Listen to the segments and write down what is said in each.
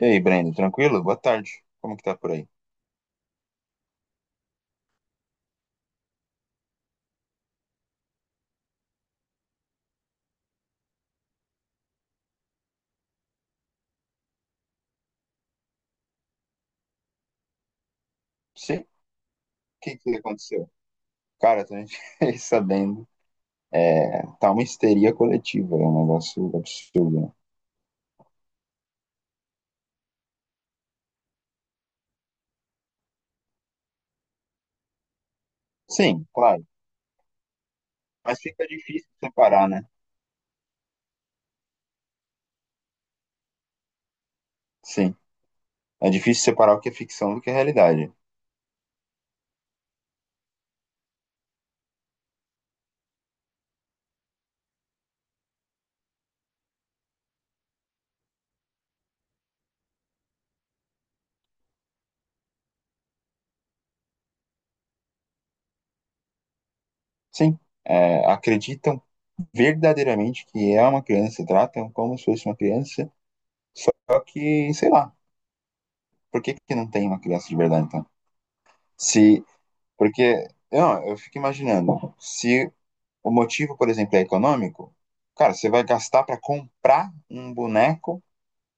E aí, Breno, tranquilo? Boa tarde. Como que tá por aí? Sim? O que que aconteceu? Cara, tô fiquei sabendo. É, tá uma histeria coletiva, é um negócio absurdo, né? Sim, claro. Mas fica difícil separar, né? Sim. É difícil separar o que é ficção do que é realidade. Sim. É, acreditam verdadeiramente que é uma criança, tratam como se fosse uma criança, só que, sei lá, por que que não tem uma criança de verdade, então? Se, porque, não, eu fico imaginando. Se O motivo, por exemplo, é econômico. Cara, você vai gastar para comprar um boneco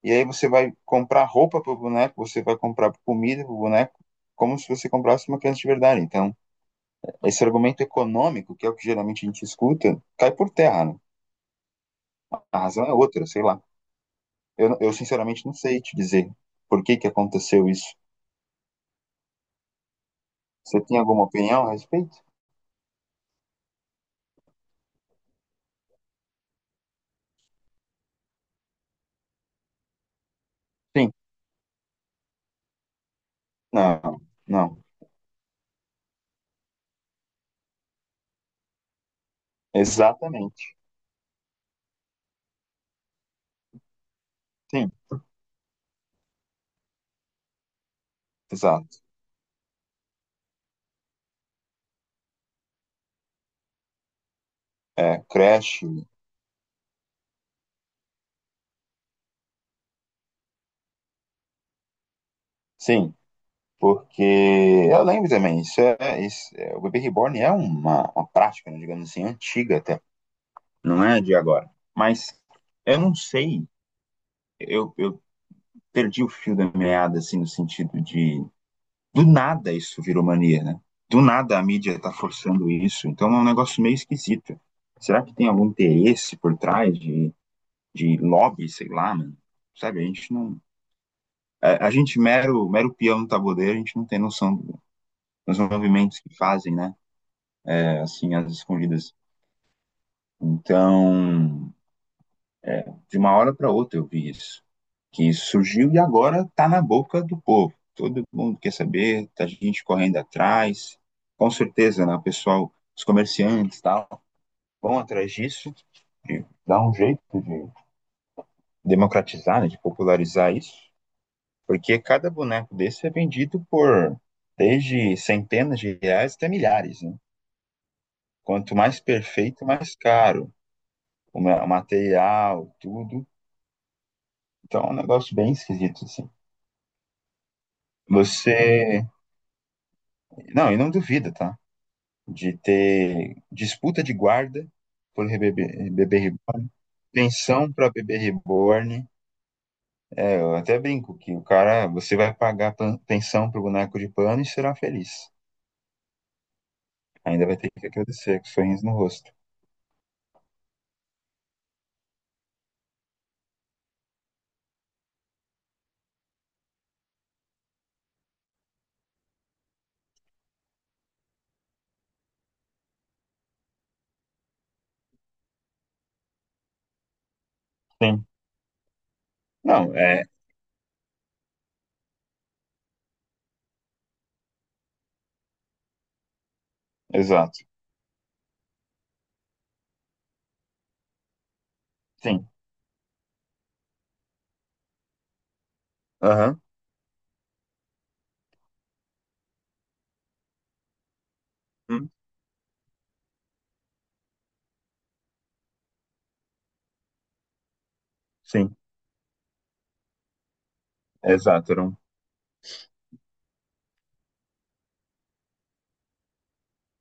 e aí você vai comprar roupa para o boneco, você vai comprar comida para o boneco, como se você comprasse uma criança de verdade. Então, esse argumento econômico, que é o que geralmente a gente escuta, cai por terra, né? A razão é outra, sei lá. Eu sinceramente não sei te dizer por que, que aconteceu isso. Você tem alguma opinião a respeito? Sim. Não, não. Exatamente. Sim, exato. É, creche, sim. Porque eu lembro também, o bebê reborn é uma prática, né, digamos assim, antiga até, não é de agora. Mas eu não sei, eu perdi o fio da meada, assim, no sentido de do nada isso virou mania, né? Do nada a mídia tá forçando isso, então é um negócio meio esquisito. Será que tem algum interesse por trás de lobby, sei lá, mano? Sabe, a gente não. A gente, mero, mero peão no tabuleiro, a gente não tem noção dos movimentos que fazem, né? Assim, às escondidas. Então, de uma hora para outra eu vi isso, que isso surgiu e agora está na boca do povo. Todo mundo quer saber, tá gente correndo atrás. Com certeza, né, o pessoal, os comerciantes, tal, vão atrás disso, de dar um jeito de democratizar, né, de popularizar isso, porque cada boneco desse é vendido por desde centenas de reais até milhares. Né? Quanto mais perfeito, mais caro o material, tudo. Então é um negócio bem esquisito, assim. Você. Não, e não duvida, tá? De ter disputa de guarda por bebê, bebê reborn, pensão pra bebê reborn. É, eu até brinco que o cara, você vai pagar pensão pro boneco de pano e será feliz. Ainda vai ter que agradecer com sorriso no rosto. Sim. Não, é. Exato. Sim. Aham. Hum. Sim. Exato. Era um.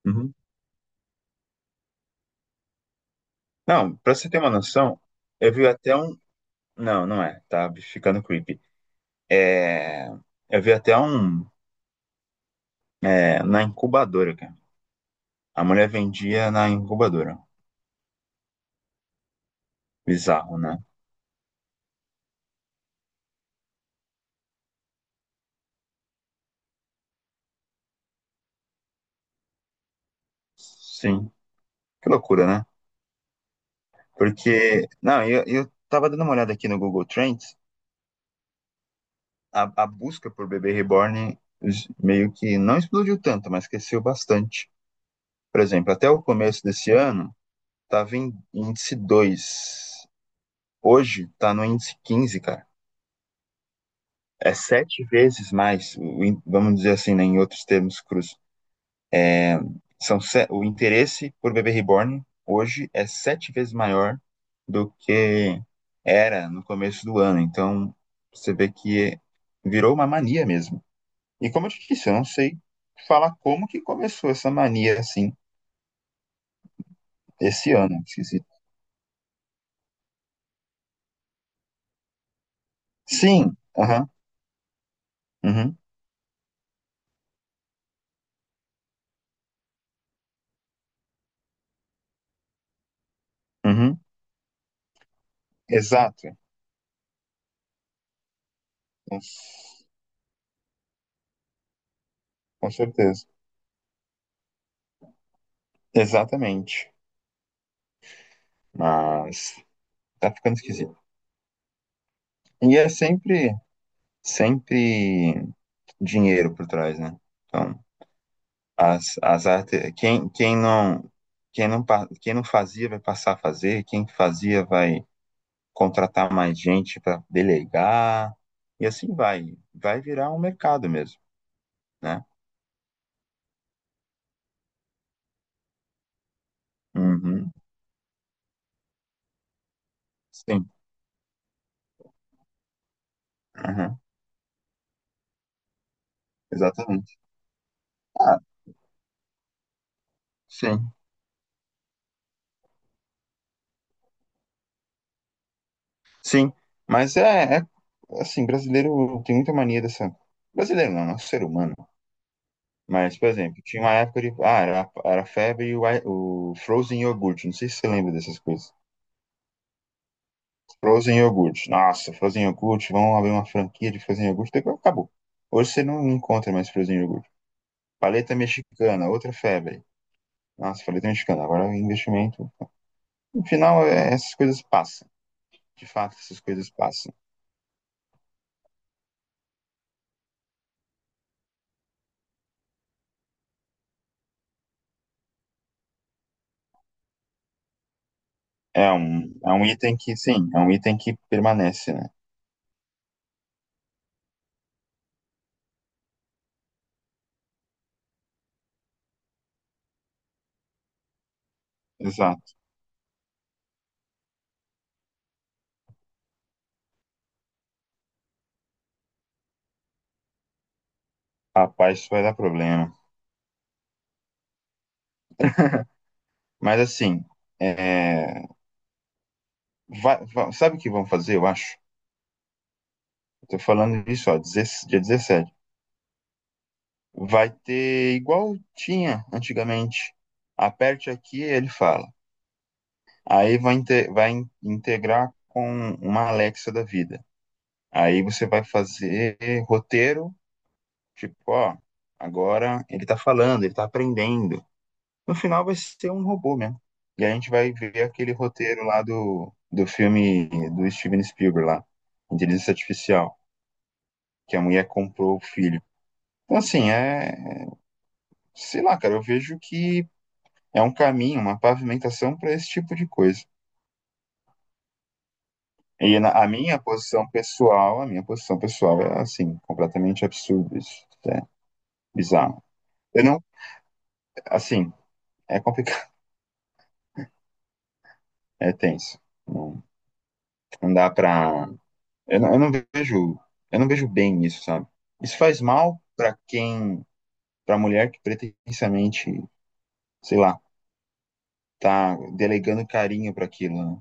Uhum. Não, pra você ter uma noção, eu vi até um. Não, não é. Tá ficando creepy. É, eu vi até um é, na incubadora, cara. A mulher vendia na incubadora. Bizarro, né? Sim. Que loucura, né? Porque, não, eu tava dando uma olhada aqui no Google Trends, a busca por bebê reborn meio que não explodiu tanto, mas cresceu bastante. Por exemplo, até o começo desse ano, tava em índice 2. Hoje, tá no índice 15, cara. É sete vezes mais, vamos dizer assim, né, em outros termos crus. São se- O interesse por bebê reborn hoje é sete vezes maior do que era no começo do ano. Então, você vê que virou uma mania mesmo. E como eu te disse, eu não sei falar como que começou essa mania assim esse ano. Esquisito. Sim, aham, uhum, uhum, exato, com, com certeza, exatamente. Mas tá ficando esquisito. E é sempre, sempre dinheiro por trás, né? Então, as artes, quem, quem não fazia vai passar a fazer, quem fazia vai contratar mais gente para delegar, e assim vai. Vai virar um mercado mesmo, né? Uhum, sim, uhum, exatamente. Ah, sim, sim. Mas é, assim, brasileiro tem muita mania dessa. Brasileiro não, é um ser humano. Mas, por exemplo, tinha uma época de. Ah, era febre e o Frozen Yogurt. Não sei se você lembra dessas coisas. Frozen iogurte. Nossa, Frozen iogurte. Vamos abrir uma franquia de Frozen iogurte. Depois acabou. Hoje você não encontra mais Frozen iogurte. Paleta mexicana, outra febre. Nossa, paleta mexicana. Agora o investimento. No final, essas coisas passam. De fato, essas coisas passam. É um item que, sim, é um item que permanece, né? Exato. Rapaz, isso vai dar problema. Mas assim, é, sabe o que vão fazer, eu acho? Eu tô falando disso, ó, 16 dia 17. Vai ter igual tinha antigamente. Aperte aqui, ele fala. Aí vai integrar com uma Alexa da vida. Aí você vai fazer roteiro, tipo, ó, agora ele tá falando, ele tá aprendendo. No final vai ser um robô mesmo. E a gente vai ver aquele roteiro lá do filme do Steven Spielberg lá, Inteligência Artificial, que a mulher comprou o filho. Então, assim, é. Sei lá, cara, eu vejo que é um caminho, uma pavimentação para esse tipo de coisa. E a minha posição pessoal, a minha posição pessoal é assim, completamente absurdo isso, é bizarro. Eu não, assim, é complicado, é tenso. Não, não dá pra. Eu não, eu não vejo, eu não vejo bem isso, sabe? Isso faz mal pra quem, pra mulher que pretensamente, sei lá, tá delegando carinho pra aquilo, né?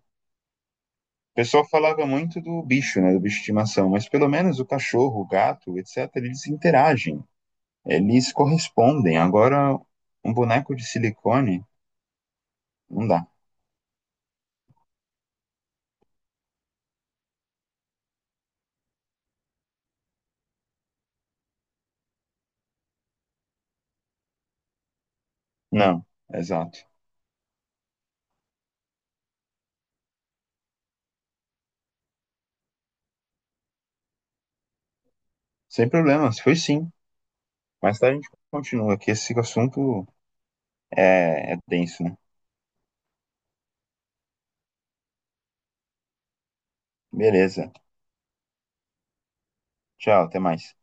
O pessoal falava muito do bicho, né, do bicho de estimação, mas pelo menos o cachorro, o gato, etc, eles interagem. Eles correspondem. Agora, um boneco de silicone, não dá. Não, exato. Sem problemas, foi sim. Mais tarde a gente continua, que esse assunto é, é denso, né? Beleza. Tchau, até mais.